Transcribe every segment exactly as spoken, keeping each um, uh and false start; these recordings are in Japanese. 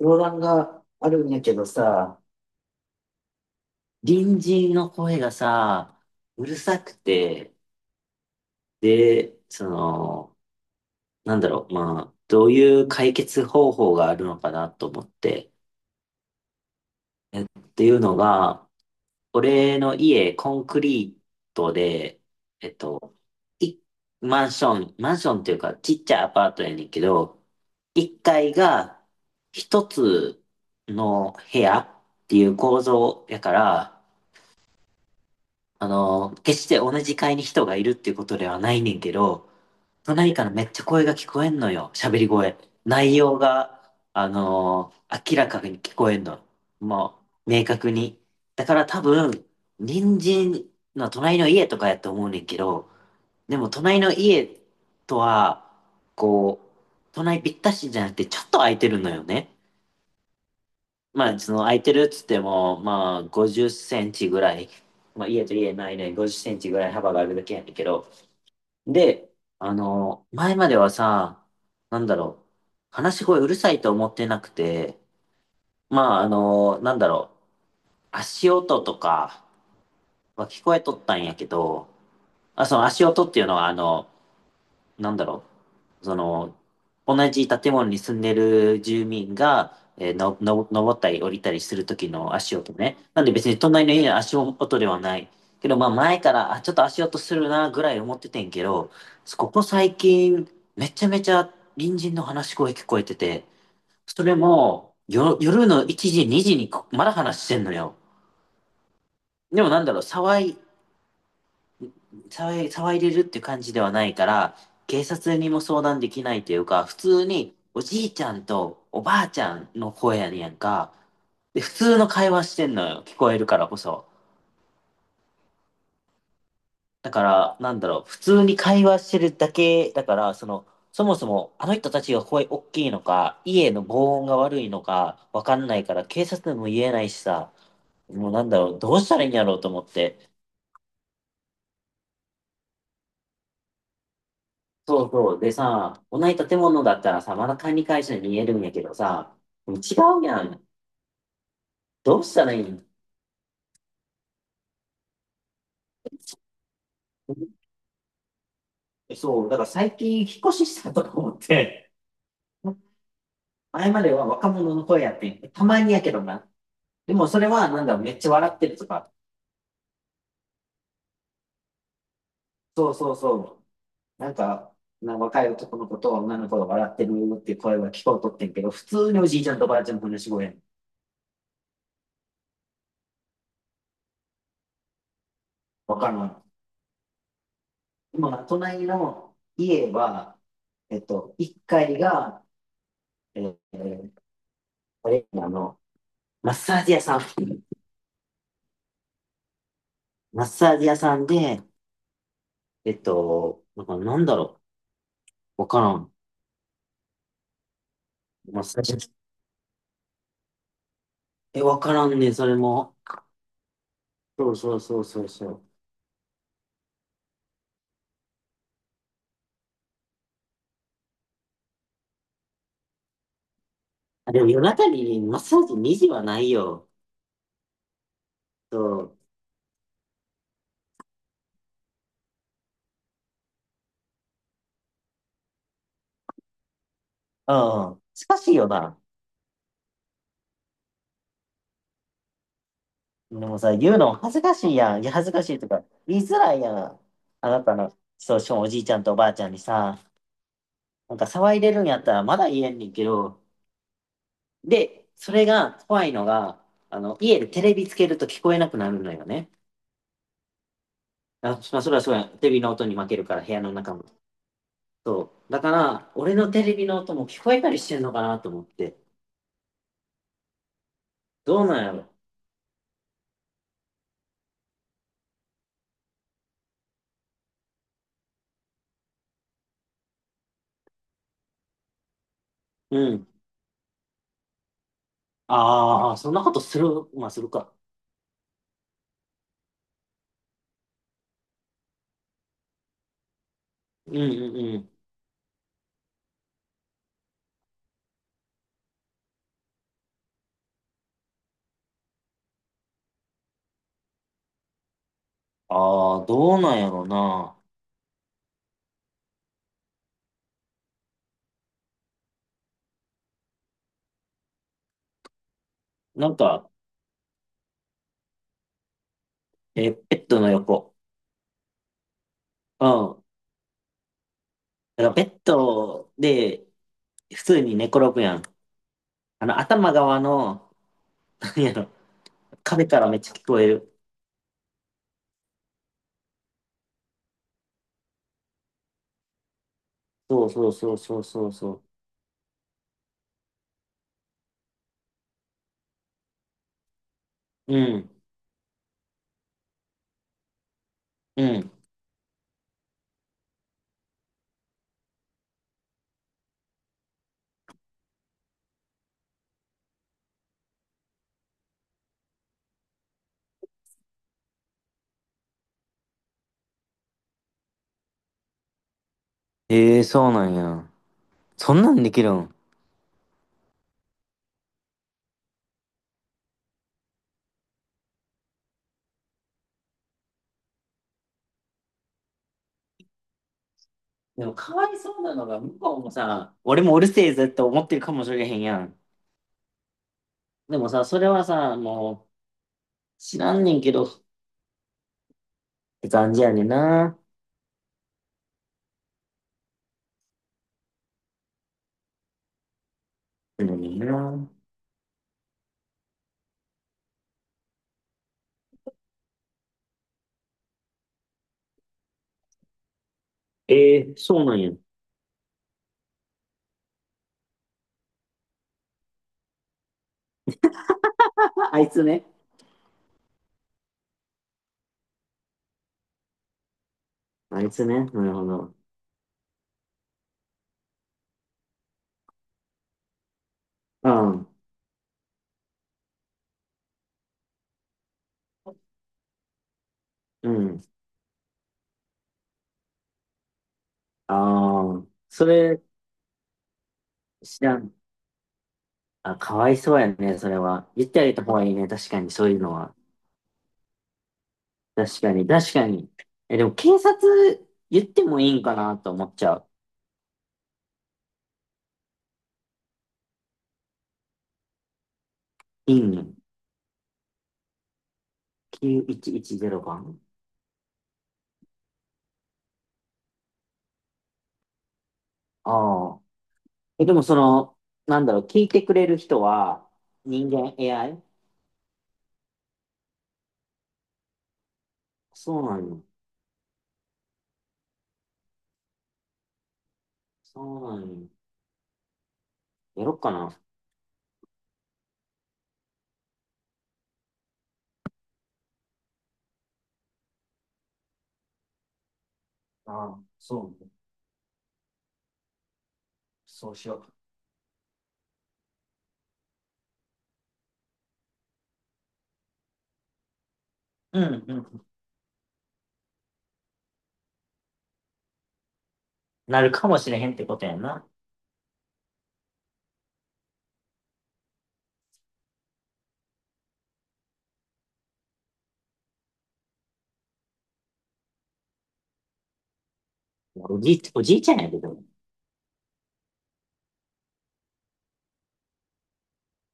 相談があるんやけどさ、隣人の声がさ、うるさくて、で、その、なんだろう、まあ、どういう解決方法があるのかなと思って。っていうのが、俺の家、コンクリートで、えっと、い、マンション、マンションっていうか、ちっちゃいアパートやねんけど、いっかいが一つの部屋っていう構造やから、あの、決して同じ階に人がいるっていうことではないねんけど、隣からめっちゃ声が聞こえんのよ。喋り声。内容が、あのー明らかに聞こえんの。もう、明確に。だから多分、隣人の隣の家とかやと思うねんけど、でも隣の家とは、こう、隣ぴったしじゃなくてちょっと空いてるのよね。まあ、その空いてるっつっても、まあ、ごじゅっセンチぐらい、まあ、家と家の間にごじゅっセンチぐらい幅があるだけやねんけど、で、あの、前まではさ、なんだろう、話し声うるさいと思ってなくて、まあ、あの、なんだろう、足音とかは聞こえとったんやけど、あ、その足音っていうのは、あの、なんだろう、その、同じ建物に住んでる住民が、えーの、の、登ったり降りたりする時の足音ね。なんで別に隣の家の足音ではない。けど、まあ前から、あ、ちょっと足音するなぐらい思っててんけど、ここ最近、めちゃめちゃ隣人の話し声聞こえてて、それも、よ、夜のいちじ、にじにこまだ話してんのよ。でもなんだろう、騒い、騒い、騒いでるって感じではないから、警察にも相談できないというか、普通におじいちゃんとおばあちゃんの声やねんやんか。で、普通の会話してんのよ。聞こえるからこそ。だから、なんだろう、普通に会話してるだけだから、その、そもそもあの人たちが声大きいのか、家の防音が悪いのか、わかんないから、警察でも言えないしさ、もうなんだろう、どうしたらいいんやろうと思って。そうそう。でさ、同じ建物だったらさ、まだ管理会社に見えるんやけどさ、違うやん。どうしたらいいの。そう、だから最近引っ越ししたとか思って、前までは若者の声やってんたまにやけどな。でもそれはなんだめっちゃ笑ってるとか。そうそうそう。なんか、な若い男の子と女の子が笑ってるっていう声は聞こえとってんけど、普通におじいちゃんとおばあちゃんの話し声やん。わからん。今、隣の家は、えっと、いっかいがえーこれ、あの、マッサージ屋さん。マッサージ屋さんで、えっと、なんかなんだろう。わからん。マッサージ。え、わからんね、それも。そうそうそうそうそう。あ、でも夜中にマッサージにじはないよ。そう。うん。しかしいよな。でもさ、言うの恥ずかしいやん。いや、恥ずかしいとか、言いづらいやん。あなたの、そう、しかもおじいちゃんとおばあちゃんにさ、なんか騒いでるんやったらまだ言えんねんけど、で、それが怖いのが、あの、家でテレビつけると聞こえなくなるのよね。あ、まあ、それはそうや。テレビの音に負けるから、部屋の中も。そう。だから、俺のテレビの音も聞こえたりしてんのかなと思って。どうなんやろ。うん。ああ、そんなことする、まあ、するか。うんうんうん。ああ、どうなんやろうな。なんか、えー、ベッドの横。うん。だからベッドで、普通に寝転ぶやん。あの、頭側の、なんやろ、壁からめっちゃ聞こえる。そうそうそうそうそうそう。うん。うん。ええ、そうなんや。そんなんできるん。でも、かわいそうなのが、向こうもさ、俺もうるせえぜって思ってるかもしれへんやん。でもさ、それはさ、もう、知らんねんけど、って感じやねんな。うん、な。ええそうなんや。ああいつね。あいつね。なるほど。うん。うん。ああ、それ、知らん。あ、かわいそうやね、それは。言ってあげた方がいいね、確かに、そういうのは。確かに、確かに。え、でも警察言ってもいいんかなと思っちゃう。いいん？ きゅういちいちゼロ 番。ああ。え、でもその、なんだろう、聞いてくれる人は人間？ エーアイ？ そうなんよ。そうなんよ。やろっかな。ああ、そうね。そうしよう。うんうん。なるかもしれへんってことやんな。おじい、おじいちゃんやけど。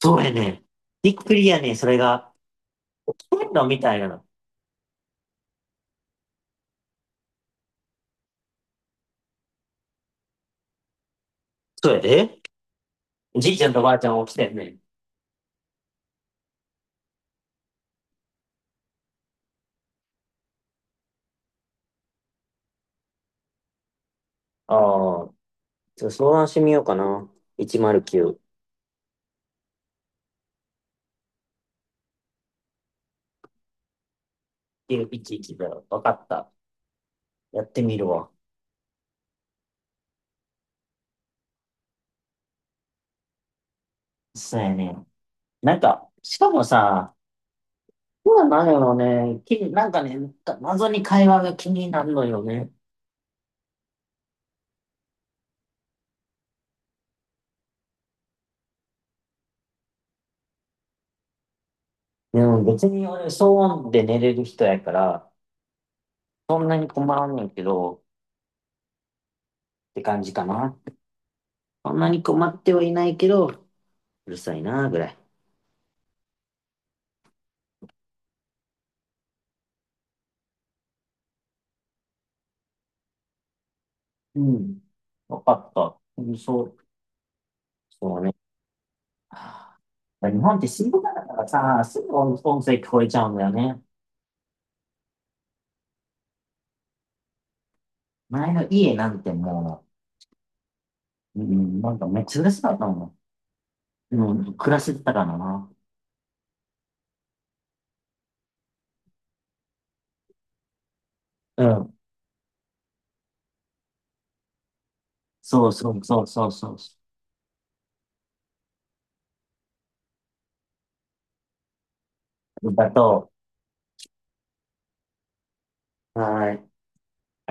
そうやね。びっくりやね。それが。起きてんのみたいなの。そうやで。じいちゃんとばあちゃん起きてんね。ああ。ちょっと相談してみようかな。いちゼロきゅう。いちいちゼロだよ。わかった。やってみるわ。そうやね。なんか、しかもさ、そうなのよね。き、なんかね、謎に会話が気になるのよね。でも別に俺、騒音で寝れる人やから、そんなに困らんねんけど、って感じかな。そんなに困ってはいないけど、うるさいな、ぐらい。うん。わかった。うんそう、そうね。はあ日本って静かだからさ、すぐ音音声聞こえちゃうんだよね。前の家なんてもう、うん、なんかめっちゃ嬉しかったもん。うん、暮らしてたからな。うん。そうそうそうそうそう。だと、はーい。